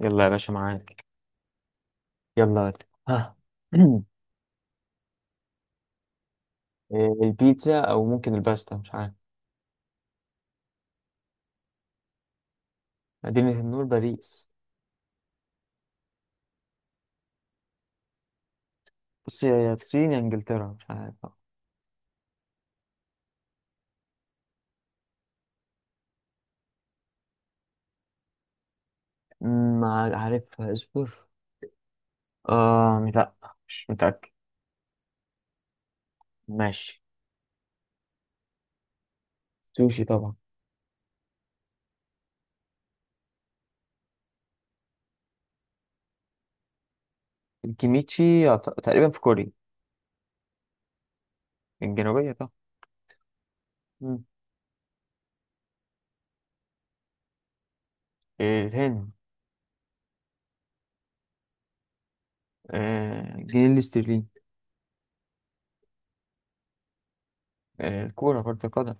يلا يا باشا، معاك. يلا يلا. ها. البيتزا او ممكن الباستا، مش عارف. مدينة النور باريس. بص، يا الصين يا انجلترا، مش عارف. عارفها اصبر. لا، مش متأكد. ماشي. سوشي طبعا. الكيميتشي تقريبا في كوريا. الجنوبية طبعا. مم. الهند. الجنيه الاسترليني. الكورة كرة القدم.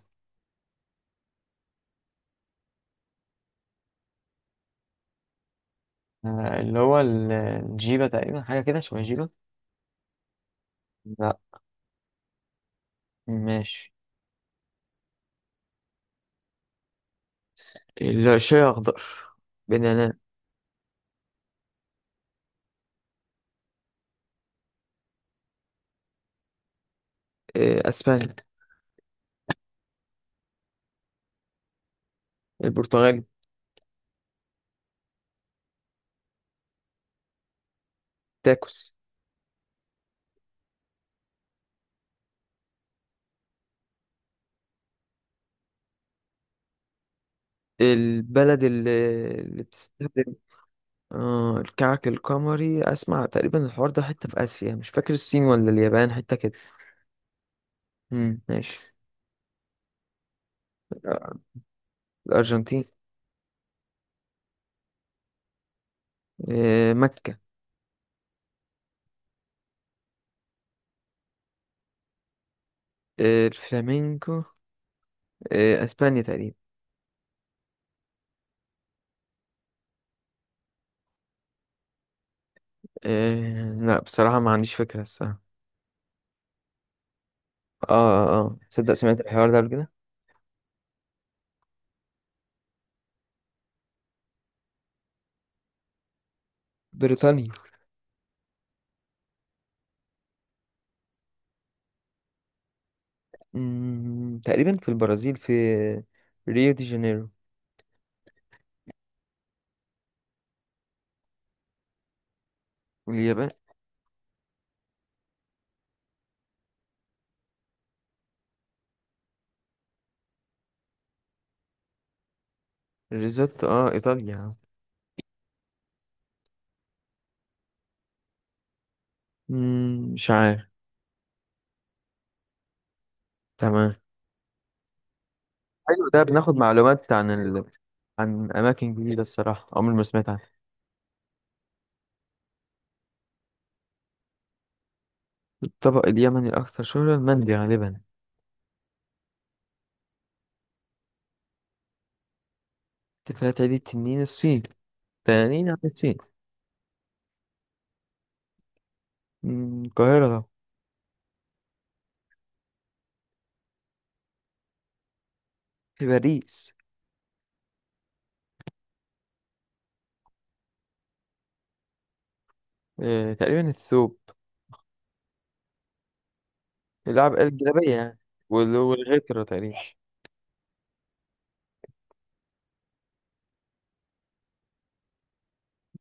اللي هو الجيبة، تقريبا حاجة كده، شوية جيبة. لا. ماشي. الشاي أخضر. بنانات. أسبانيا. البرتغال. تاكوس. البلد اللي بتستخدم. آه، الكعك القمري، أسمع تقريبا الحوار ده حتة في آسيا، مش فاكر الصين ولا اليابان، حتة كده. ماشي. الأرجنتين. آه، مكة. آه، الفلامينكو. آه، أسبانيا تقريبا. لا، بصراحة ما عنديش فكرة الصراحة. تصدق سمعت الحوار ده قبل كده. بريطانيا. تقريبا في البرازيل، في ريو دي جانيرو. واليابان. الريزوتو، اه ايطاليا. مش عارف. تمام. حلو، ده بناخد معلومات عن عن اماكن جديده الصراحه، عمري ما سمعت عنها. الطبق اليمني الاكثر شهره المندي غالبا. احتفالات عيد التنين الصين. تنانين عن الصين. القاهره طبعا. في باريس. تقريبا الثوب. العب الجلابيه يعني. والغترة تقريبا.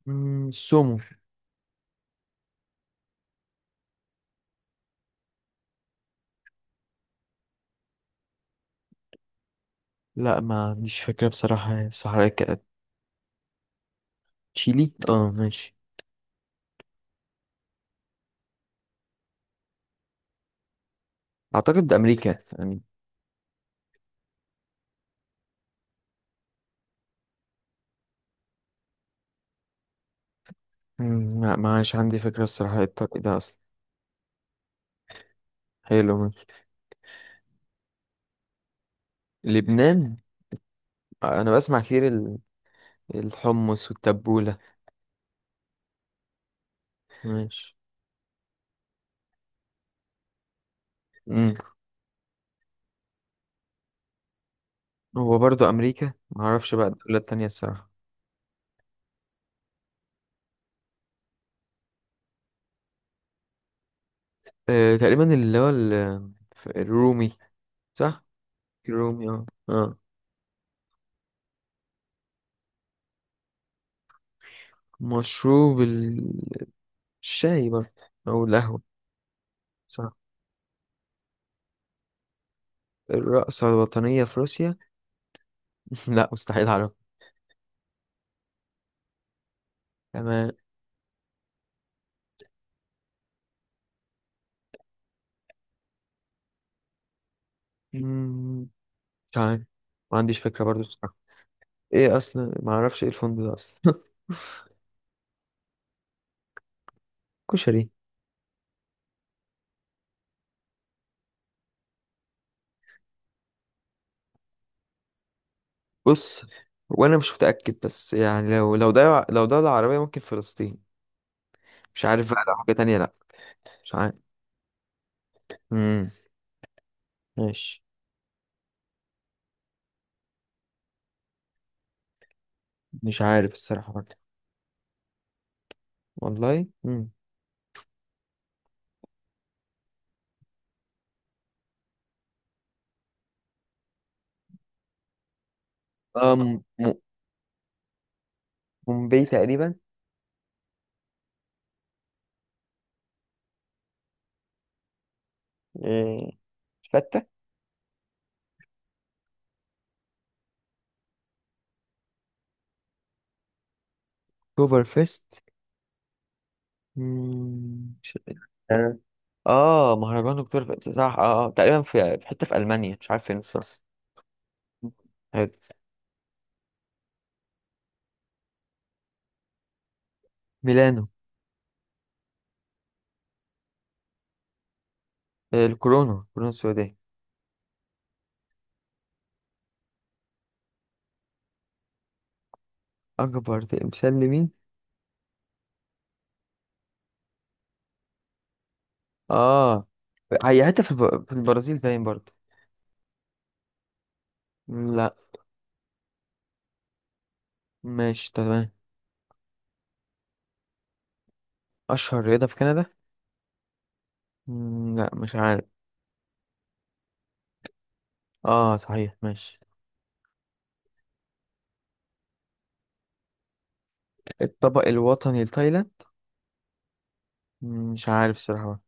السومو. لا، ما عنديش فكره بصراحه، الصحراء كانت. تشيلي، اه ماشي. اعتقد امريكا. لا معاش عندي فكرة الصراحة، إيه الطريق ده أصلا. حلو ماشي. لبنان. أنا بسمع كتير الحمص والتبولة. ماشي. مم. هو برضو أمريكا، معرفش بقى الدولة التانية الصراحة. تقريبا اللي هو الرومي. صح؟ الرومي اه مشروب الشاي برضه، أو القهوة. صح. الرقصة الوطنية في روسيا. لا، مستحيل أعرف. تمام. مم، مش عارف. ما عنديش فكرة برضو الصراحة. ايه اصلا، ما اعرفش ايه الفندق ده اصلا. كشري. بص، وانا مش متأكد، بس يعني لو ده العربية ممكن فلسطين. مش عارف بقى، لو حاجة تانية لا. مش عارف. امم ماشي. مش عارف الصراحة برضه. والله. أم م- مومباي تقريبا. إيه، فتة. اكتوبر فيست. مش آه آه، مهرجان اكتوبر فيست، صح. تقريبا في حتة في ألمانيا، مش عارف فين الصراحة. حلو. ميلانو. الكورونا الكورونا السوداء. أكبر تمثال لمين؟ اه، هي حتة في في البرازيل باين برضه. لا. ماشي تمام. أشهر رياضة في كندا. لا مش عارف. اه صحيح ماشي. الطبق الوطني لتايلاند. مش عارف الصراحة.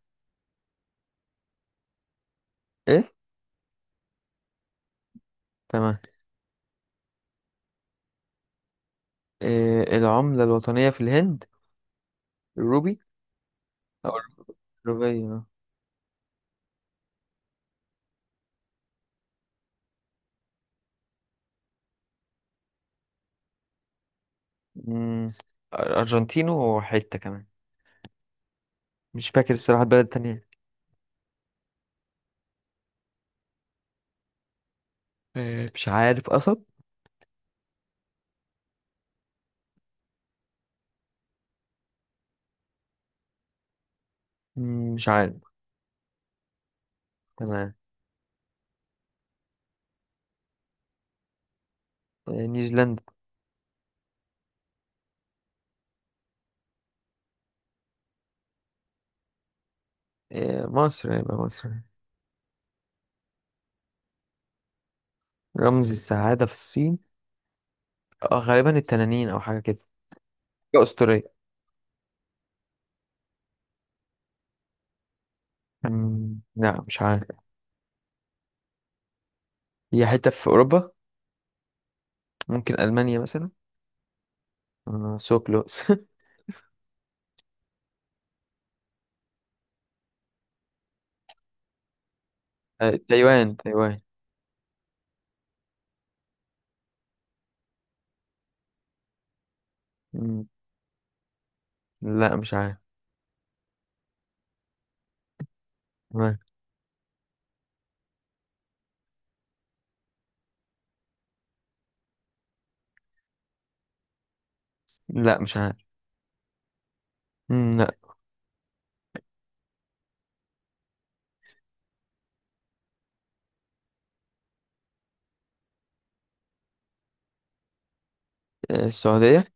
ايه. تمام. إيه العملة الوطنية في الهند؟ الروبي، أو الروبية. مم، أرجنتينو وحتة كمان. مش فاكر الصراحة البلد التانية. إيه، مش عارف، قصب. مش عارف. تمام. إيه، نيوزيلندا. إيه، مصر، يبقى مصر. رمز السعادة في الصين، اه غالبا التنانين او حاجه كده، حاجه اسطوريه. لا مش عارف. هي حته في اوروبا، ممكن المانيا مثلا. سو كلوز. تايوان تايوان. مم، لا مش عارف. تمام. لا مش عارف. لا. آه، السعوديه.